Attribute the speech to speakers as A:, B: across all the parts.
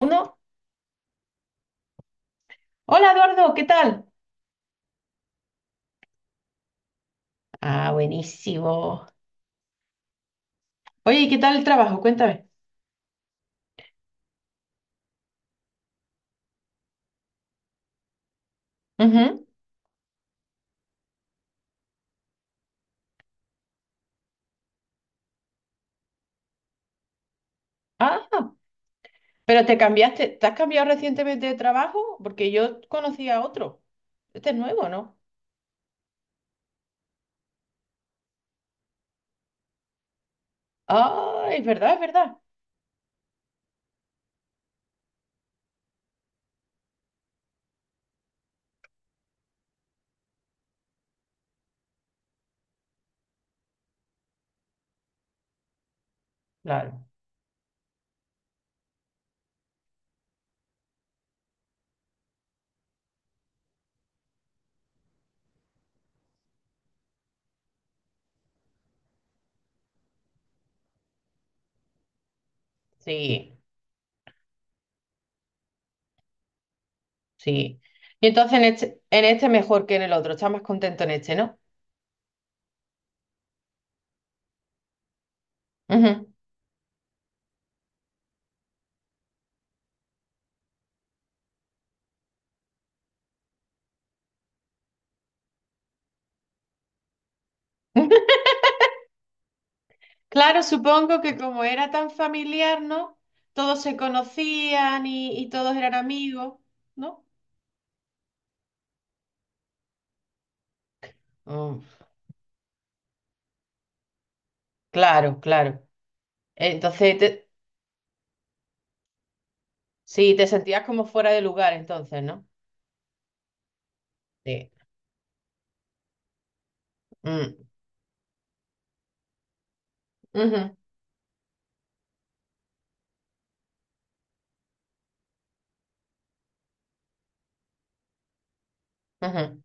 A: Uno. Hola Eduardo, ¿qué tal? Ah, buenísimo. Oye, ¿y qué tal el trabajo? Cuéntame. Ujú. Ah, pero te cambiaste, ¿te has cambiado recientemente de trabajo? Porque yo conocía a otro. Este es nuevo, ¿no? Ah, es verdad, es verdad. Claro, sí, sí. Y entonces en este mejor que en el otro, estás más contento en este, ¿no? Ujú. Claro, supongo que como era tan familiar, ¿no? Todos se conocían y todos eran amigos, ¿no? Mm. Claro, claro. Entonces, sí, te sentías como fuera de lugar entonces, ¿no? Sí. Mm. Ujú, ujú.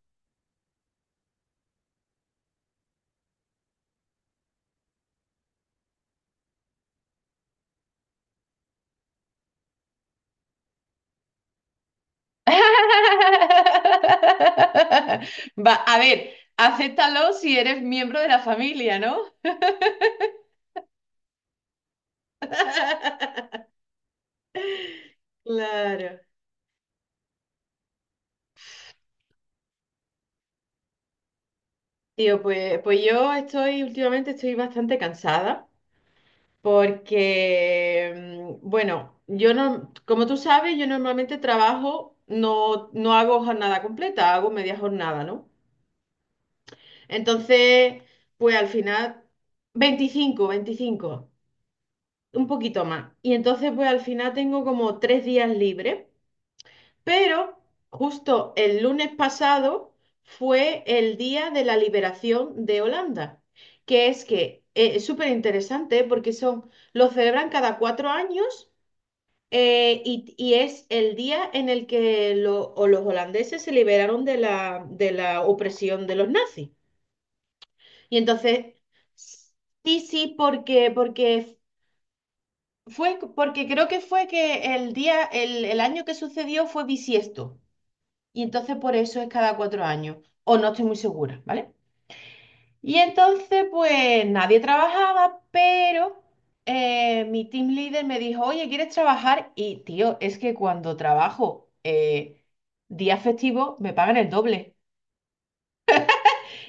A: Va, a ver, acéptalo si eres miembro de la familia, ¿no? Claro. Tío, pues yo estoy, últimamente estoy bastante cansada porque, bueno, yo no, como tú sabes, yo normalmente trabajo, no hago jornada completa, hago media jornada, ¿no? Entonces, pues al final, 25 25 un poquito más. Y entonces, pues al final tengo como 3 días libres, pero justo el lunes pasado fue el día de la liberación de Holanda, que es súper interesante porque son, lo celebran cada 4 años. Y es el día en el que o los holandeses se liberaron de la, opresión de los nazis. Y entonces, sí, sí, porque porque creo que fue que el año que sucedió fue bisiesto. Y entonces por eso es cada 4 años. O no estoy muy segura, ¿vale? Y entonces, pues nadie trabajaba, pero mi team leader me dijo, oye, ¿quieres trabajar? Y tío, es que cuando trabajo día festivo me pagan el doble.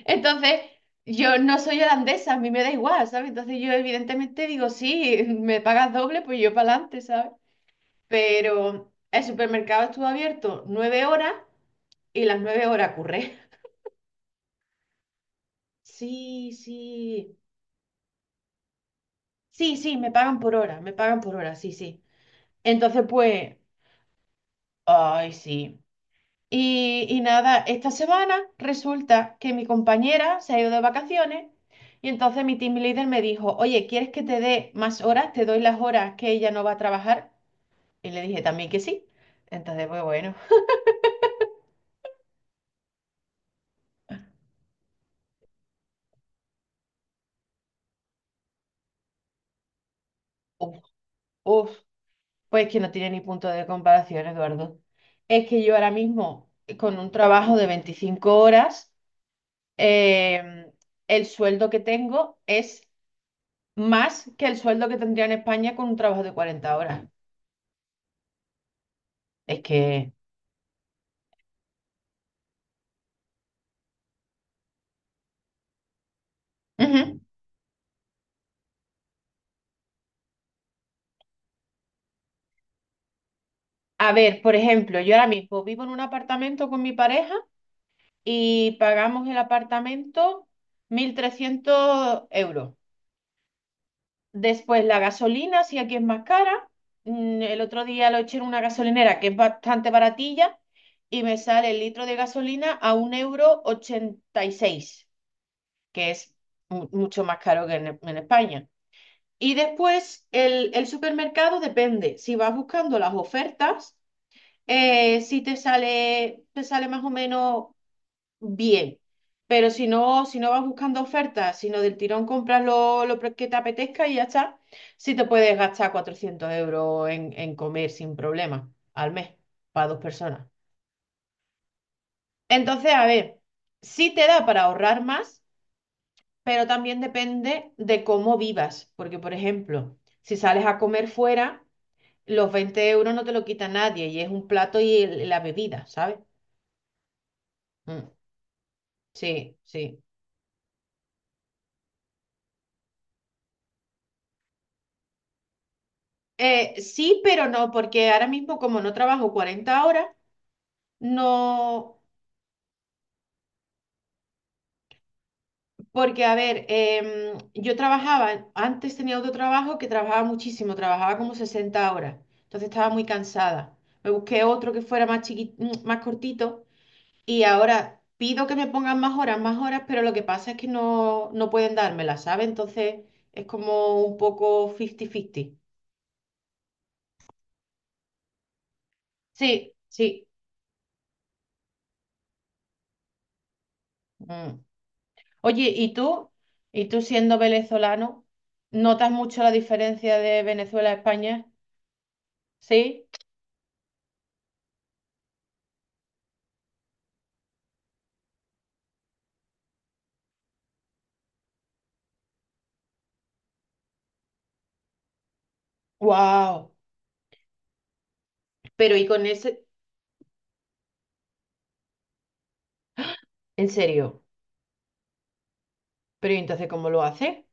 A: Entonces, yo no soy holandesa, a mí me da igual, ¿sabes? Entonces yo evidentemente digo, sí, me pagas doble, pues yo para adelante, ¿sabes? Pero el supermercado estuvo abierto 9 horas y las 9 horas curré. Sí, sí. Sí, sí, me pagan por hora, me pagan por hora, sí, sí. Entonces, pues, ay, sí. Y nada, esta semana resulta que mi compañera se ha ido de vacaciones y entonces mi team leader me dijo, oye, ¿quieres que te dé más horas? Te doy las horas que ella no va a trabajar. Y le dije también que sí. Entonces, pues bueno, uf, uf, pues que no tiene ni punto de comparación, Eduardo. Es que yo ahora mismo, con un trabajo de 25 horas, em, el sueldo que tengo es más que el sueldo que tendría en España con un trabajo de 40 horas. Es que. Ujú. A ver, por ejemplo, yo ahora mismo vivo en un apartamento con mi pareja y pagamos el apartamento 1.300 euros. Después la gasolina, si aquí es más cara. El otro día lo eché en una gasolinera que es bastante baratilla y me sale el litro de gasolina a 1,86 euros, que es mucho más caro que en España. Y después el supermercado depende. Si vas buscando las ofertas sí te sale más o menos bien. Pero si no vas buscando ofertas, sino del tirón compras lo que te apetezca y ya está, sí te puedes gastar 400 euros en comer sin problema al mes para dos personas. Entonces, a ver, sí te da para ahorrar más, pero también depende de cómo vivas. Porque, por ejemplo, si sales a comer fuera, los 20 euros no te lo quita nadie y es un plato y la bebida, ¿sabes? Sí, sí. Sí, pero no, porque ahora mismo como no trabajo 40 horas, no, porque a ver, yo trabajaba, antes tenía otro trabajo que trabajaba muchísimo, trabajaba como 60 horas, entonces estaba muy cansada. Me busqué otro que fuera más chiquito, más cortito y ahora pido que me pongan más horas, pero lo que pasa es que no pueden dármelas, ¿sabes? Entonces es como un poco 50-50. Sí, sí. Mm. Oye, ¿y tú? ¿Y tú siendo venezolano, notas mucho la diferencia de Venezuela a España? ¿Sí? ¡Wow! Pero ¿y con ese? ¿En serio? ¿Pero y entonces cómo lo hace?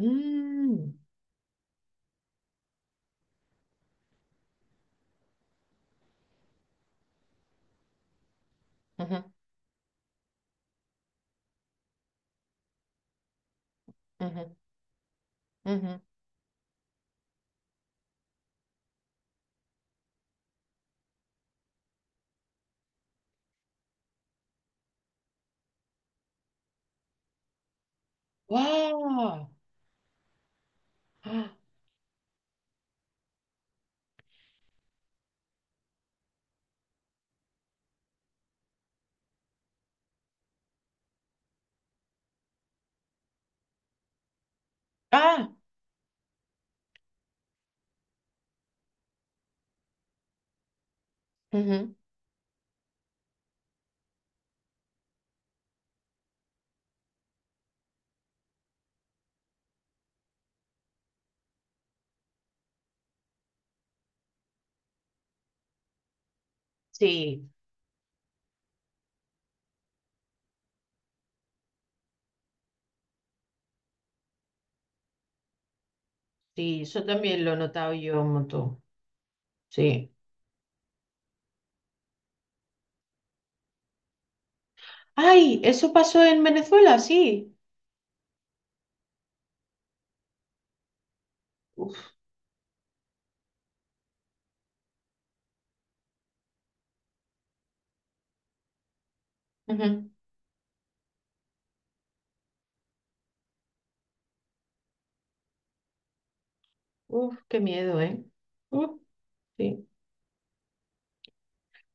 A: Mm. Ujú, ujú, ujú. ¡Guau! ¡Ah! Ujú. Sí, sí, eso también lo he notado yo un montón. Sí. ¡Ay! ¿Eso pasó en Venezuela? Sí. Uf, ujú. Uf, qué miedo, ¿eh? Uf, sí.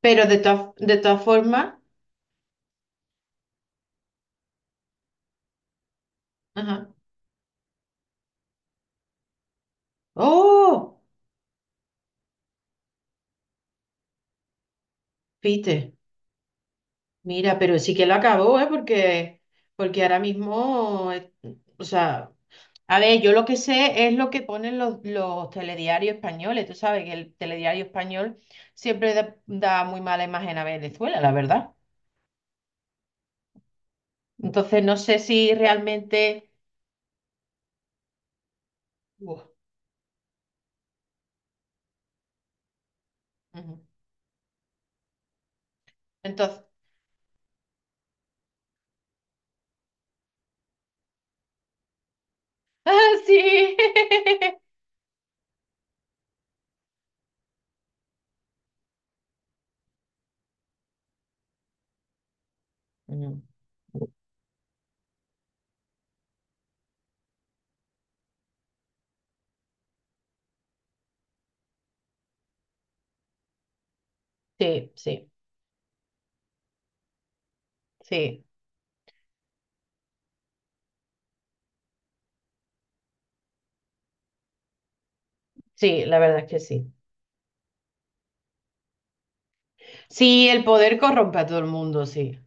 A: Pero de todas formas. Ajá. Oh, viste, mira, pero sí que lo acabó, ¿eh? Porque ahora mismo, o sea, a ver, yo lo que sé es lo que ponen los telediarios españoles. Tú sabes que el telediario español siempre da muy mala imagen a Venezuela, la verdad. Entonces, no sé si realmente. Uf, ujú. Entonces, ¡ah, sí! Mm. Sí, sí, sí, sí, la verdad es que sí. Sí, el poder corrompe a todo el mundo, sí.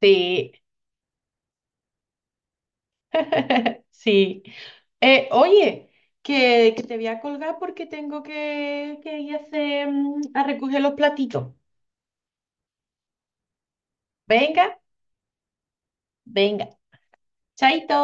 A: Sí, sí. Oye, que te voy a colgar porque tengo que ir a recoger los platitos. Venga, venga. Chaito.